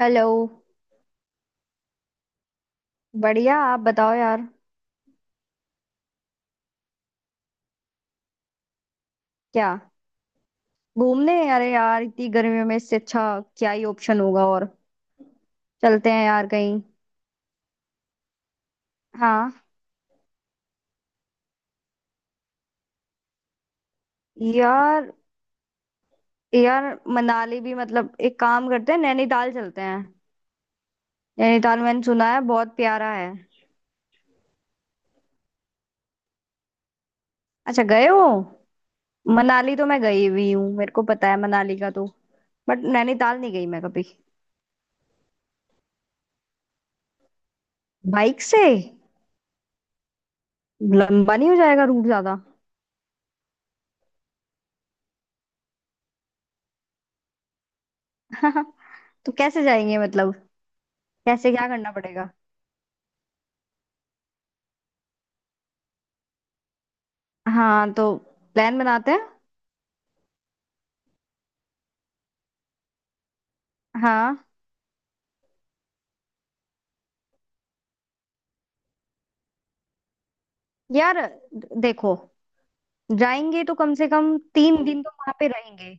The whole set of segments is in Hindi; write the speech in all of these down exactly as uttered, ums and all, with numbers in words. हेलो। बढ़िया, आप बताओ यार। क्या? घूमने? अरे यार, इतनी गर्मियों में इससे अच्छा क्या ही ऑप्शन होगा। और चलते हैं यार कहीं। हाँ। यार, यार मनाली भी, मतलब एक काम करते हैं, नैनीताल चलते हैं। नैनीताल मैंने सुना है बहुत प्यारा है। अच्छा, गए हो? मनाली तो मैं गई हुई हूँ, मेरे को पता है मनाली का तो। बट नैनीताल नहीं गई मैं कभी। बाइक से? लंबा नहीं हो जाएगा रूट ज्यादा? तो कैसे जाएंगे मतलब? कैसे? क्या करना पड़ेगा? हाँ तो प्लान बनाते हैं। हाँ। यार देखो, जाएंगे तो कम से कम तीन दिन तो वहां पे रहेंगे।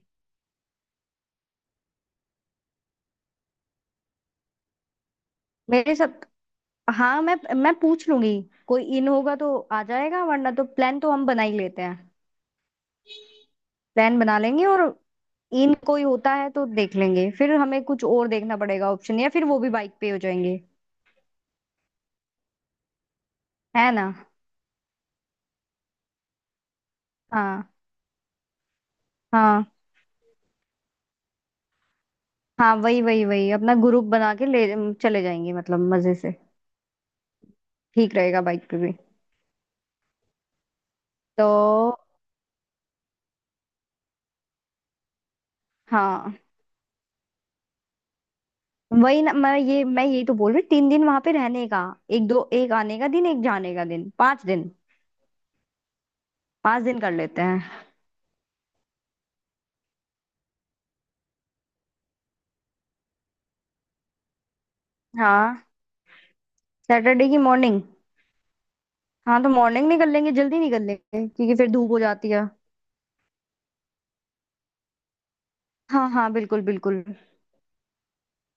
मेरे साथ? हाँ, मैं मैं पूछ लूंगी। कोई इन होगा तो आ जाएगा, वरना तो प्लान तो हम बना ही लेते हैं। प्लान बना लेंगे और इन कोई होता है तो देख लेंगे फिर, हमें कुछ और देखना पड़ेगा ऑप्शन, या फिर वो भी बाइक पे हो जाएंगे। है ना। हाँ, हाँ, हाँ, वही वही वही अपना ग्रुप बना के ले चले जाएंगे मतलब मजे से। ठीक रहेगा बाइक पे भी। तो हाँ। वही ना, मैं ये मैं यही तो बोल रही हूँ, तीन दिन वहां पे रहने का। एक दो, एक आने का दिन, एक जाने का दिन, पांच दिन। पांच दिन कर लेते हैं। हाँ। सैटरडे की मॉर्निंग। हाँ तो मॉर्निंग निकल लेंगे, जल्दी निकल लेंगे क्योंकि फिर धूप हो जाती है। हाँ हाँ, बिल्कुल बिल्कुल।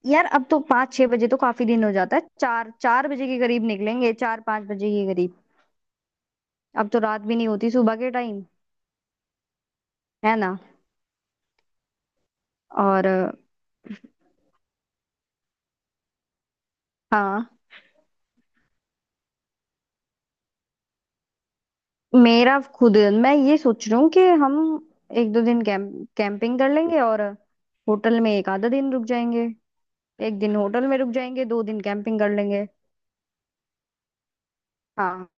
यार अब तो पाँच छह बजे तो काफी दिन हो जाता है, चार चार बजे के करीब निकलेंगे, चार पाँच बजे के करीब। अब तो रात भी नहीं होती सुबह के टाइम। है ना। और हाँ। मेरा खुद, मैं ये सोच रही हूँ कि हम एक दो दिन कैंप कैंपिंग कर लेंगे और होटल में एक आधा दिन रुक जाएंगे। एक दिन होटल में रुक जाएंगे, दो दिन कैंपिंग कर लेंगे। हाँ।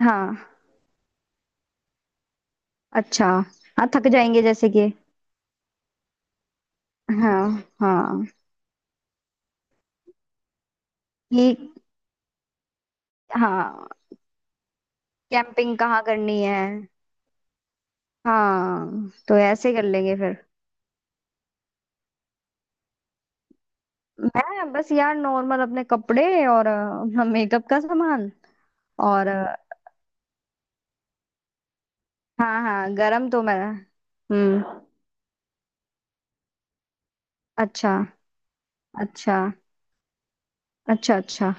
हाँ। अच्छा। हाँ थक जाएंगे जैसे कि। हाँ। हाँ। ये। हाँ। कैंपिंग कहाँ करनी है? हाँ तो ऐसे कर लेंगे फिर। मैं बस यार नॉर्मल अपने कपड़े और हाँ, मेकअप का सामान। और अ, हाँ हाँ गरम तो मैं। हम्म अच्छा। अच्छा, अच्छा, अच्छा।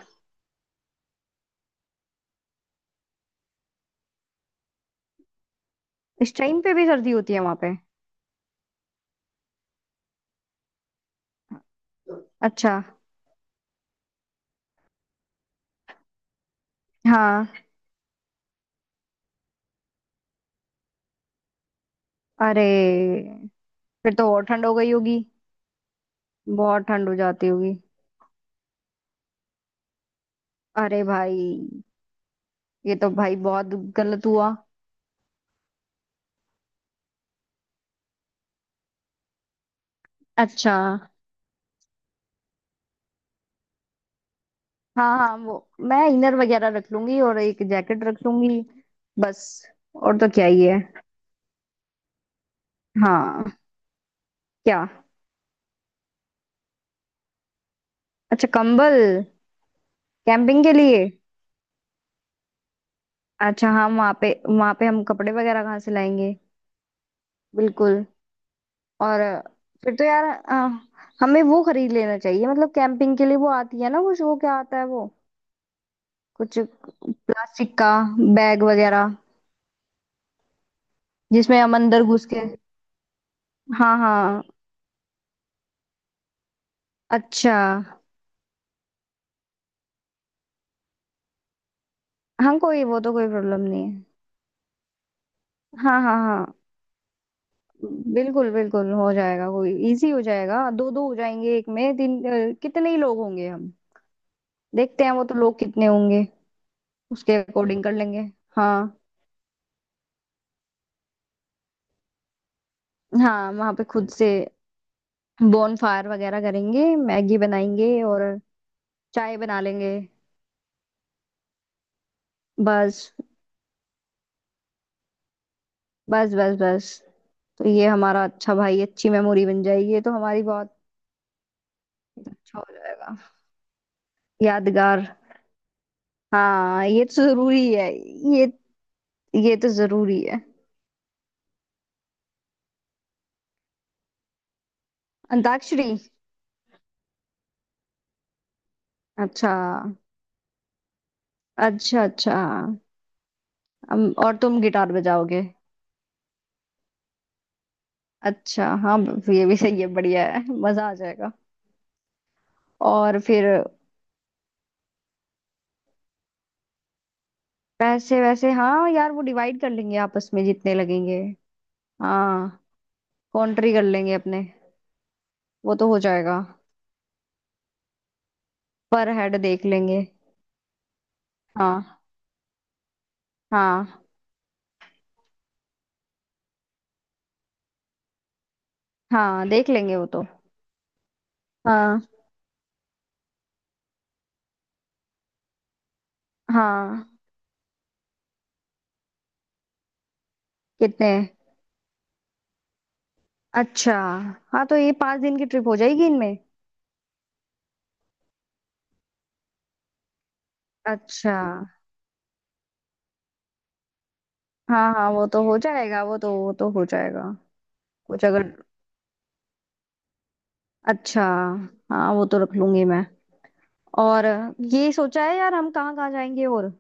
इस टाइम पे भी सर्दी होती है वहां पे? अच्छा, हाँ। अरे। फिर तो और ठंड हो गई होगी। बहुत ठंड हो जाती होगी। अरे भाई। ये तो भाई बहुत गलत हुआ। अच्छा। हाँ हाँ वो, मैं इनर वगैरह रख लूंगी और एक जैकेट रख लूंगी। बस। और तो क्या ही है। हाँ। क्या? अच्छा, कंबल? कैंपिंग के लिए? अच्छा हम वहाँ पे, वहाँ पे हम कपड़े वगैरह कहाँ से लाएंगे। बिल्कुल। और फिर तो यार अ, हमें वो खरीद लेना चाहिए मतलब, कैंपिंग के लिए वो आती है ना कुछ, वो क्या आता है वो कुछ, प्लास्टिक का बैग वगैरह, जिसमें हम अंदर घुस के। हाँ हाँ। अच्छा। हाँ कोई, वो तो कोई प्रॉब्लम नहीं है। हाँ हाँ हाँ। बिल्कुल बिल्कुल हो जाएगा, कोई इजी हो जाएगा, दो दो हो जाएंगे, एक में तीन। अ, कितने ही लोग होंगे हम। देखते हैं वो तो, लोग कितने होंगे। उसके अकॉर्डिंग कर लेंगे। हाँ। हाँ वहां पे खुद से बोन फायर वगैरह करेंगे, मैगी बनाएंगे और चाय बना लेंगे। बस। बस बस बस। तो ये हमारा, अच्छा भाई अच्छी मेमोरी बन जाएगी ये तो हमारी, बहुत अच्छा हो जाएगा। यादगार। हाँ ये तो जरूरी है। ये ये तो जरूरी है। अंताक्षरी। अच्छा। अच्छा अच्छा। अम, और तुम गिटार बजाओगे? अच्छा हाँ, ब- ये भी सही है, बढ़िया है, मजा आ जाएगा। और फिर? पैसे वैसे? हाँ यार वो डिवाइड कर लेंगे आपस में जितने लगेंगे। हाँ कॉन्ट्री कर लेंगे अपने। वो तो हो जाएगा। पर हेड देख लेंगे। हाँ। हाँ। हाँ देख लेंगे वो तो। हाँ। हाँ। कितने? अच्छा। हाँ तो ये पाँच दिन की ट्रिप हो जाएगी इनमें। अच्छा। हाँ हाँ वो तो हो जाएगा, वो तो, वो तो हो जाएगा। कुछ अगर। अच्छा। हाँ वो तो रख लूंगी मैं। और ये सोचा है यार हम कहाँ कहाँ जाएंगे और?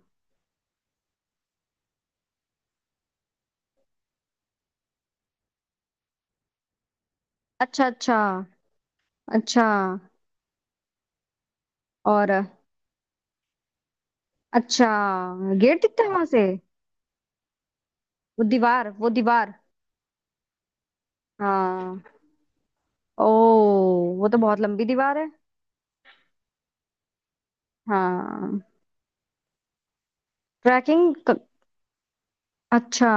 अच्छा अच्छा। अच्छा। और। अच्छा। गेट दिखता है वहां से? वो दीवार, वो दीवार। हाँ। ओ, वो तो बहुत लंबी दीवार है। हाँ। ट्रैकिंग क- अच्छा।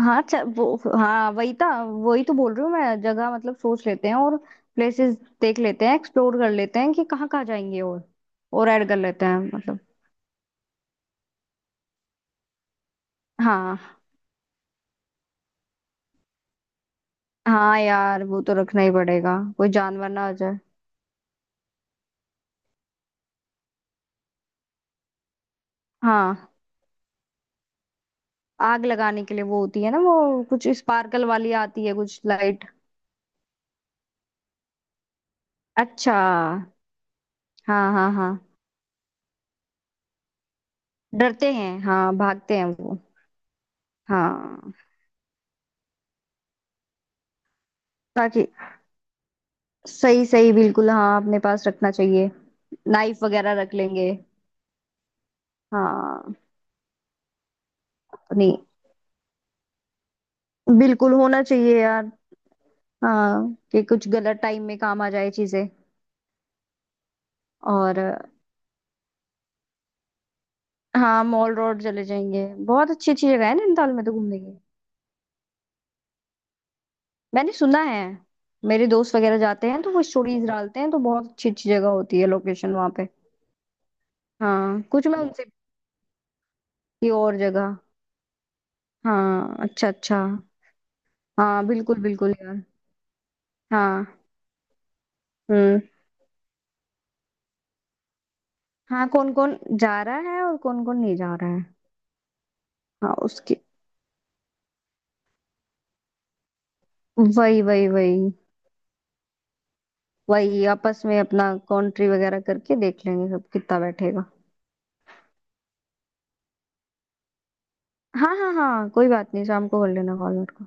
हाँ अच्छा वो, हाँ वही था, वही तो बोल रही हूँ मैं, जगह मतलब सोच लेते हैं और। प्लेसेस देख लेते हैं, एक्सप्लोर कर लेते हैं कि कहाँ कहाँ जाएंगे और। और ऐड कर लेते हैं मतलब। हाँ। हाँ यार वो तो रखना ही पड़ेगा, कोई जानवर ना आ जाए। हाँ। आग लगाने के लिए वो होती है ना, वो कुछ स्पार्कल वाली आती है कुछ, लाइट। अच्छा। हाँ हाँ हाँ। डरते हैं हाँ, भागते हैं वो। हाँ। ताकि, सही सही, बिल्कुल हाँ अपने पास रखना चाहिए। नाइफ वगैरह रख लेंगे। हाँ। नहीं, बिल्कुल होना चाहिए यार। हाँ कि कुछ गलत टाइम में काम आ जाए चीजें। और। हाँ मॉल रोड चले जाएंगे, बहुत अच्छी अच्छी जगह है नैनीताल में तो घूमने की। मैंने सुना है, मेरे दोस्त वगैरह जाते हैं तो वो स्टोरीज डालते हैं तो बहुत अच्छी अच्छी जगह होती है, लोकेशन वहाँ पे। हाँ कुछ मैं उनसे की और जगह। हाँ अच्छा अच्छा। हाँ बिल्कुल बिल्कुल यार। हाँ। हम्म। हाँ कौन कौन जा रहा है और कौन कौन नहीं जा रहा है। हाँ उसके, वही वही वही। वही आपस में अपना कॉन्ट्री वगैरह करके देख लेंगे सब कितना बैठेगा। हाँ हाँ हाँ कोई बात नहीं, शाम को कर लेना कॉल मेरे को।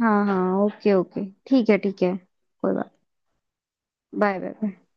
हाँ हाँ, ओके ओके, ठीक है ठीक है। कोई बात, बाय बाय बाय।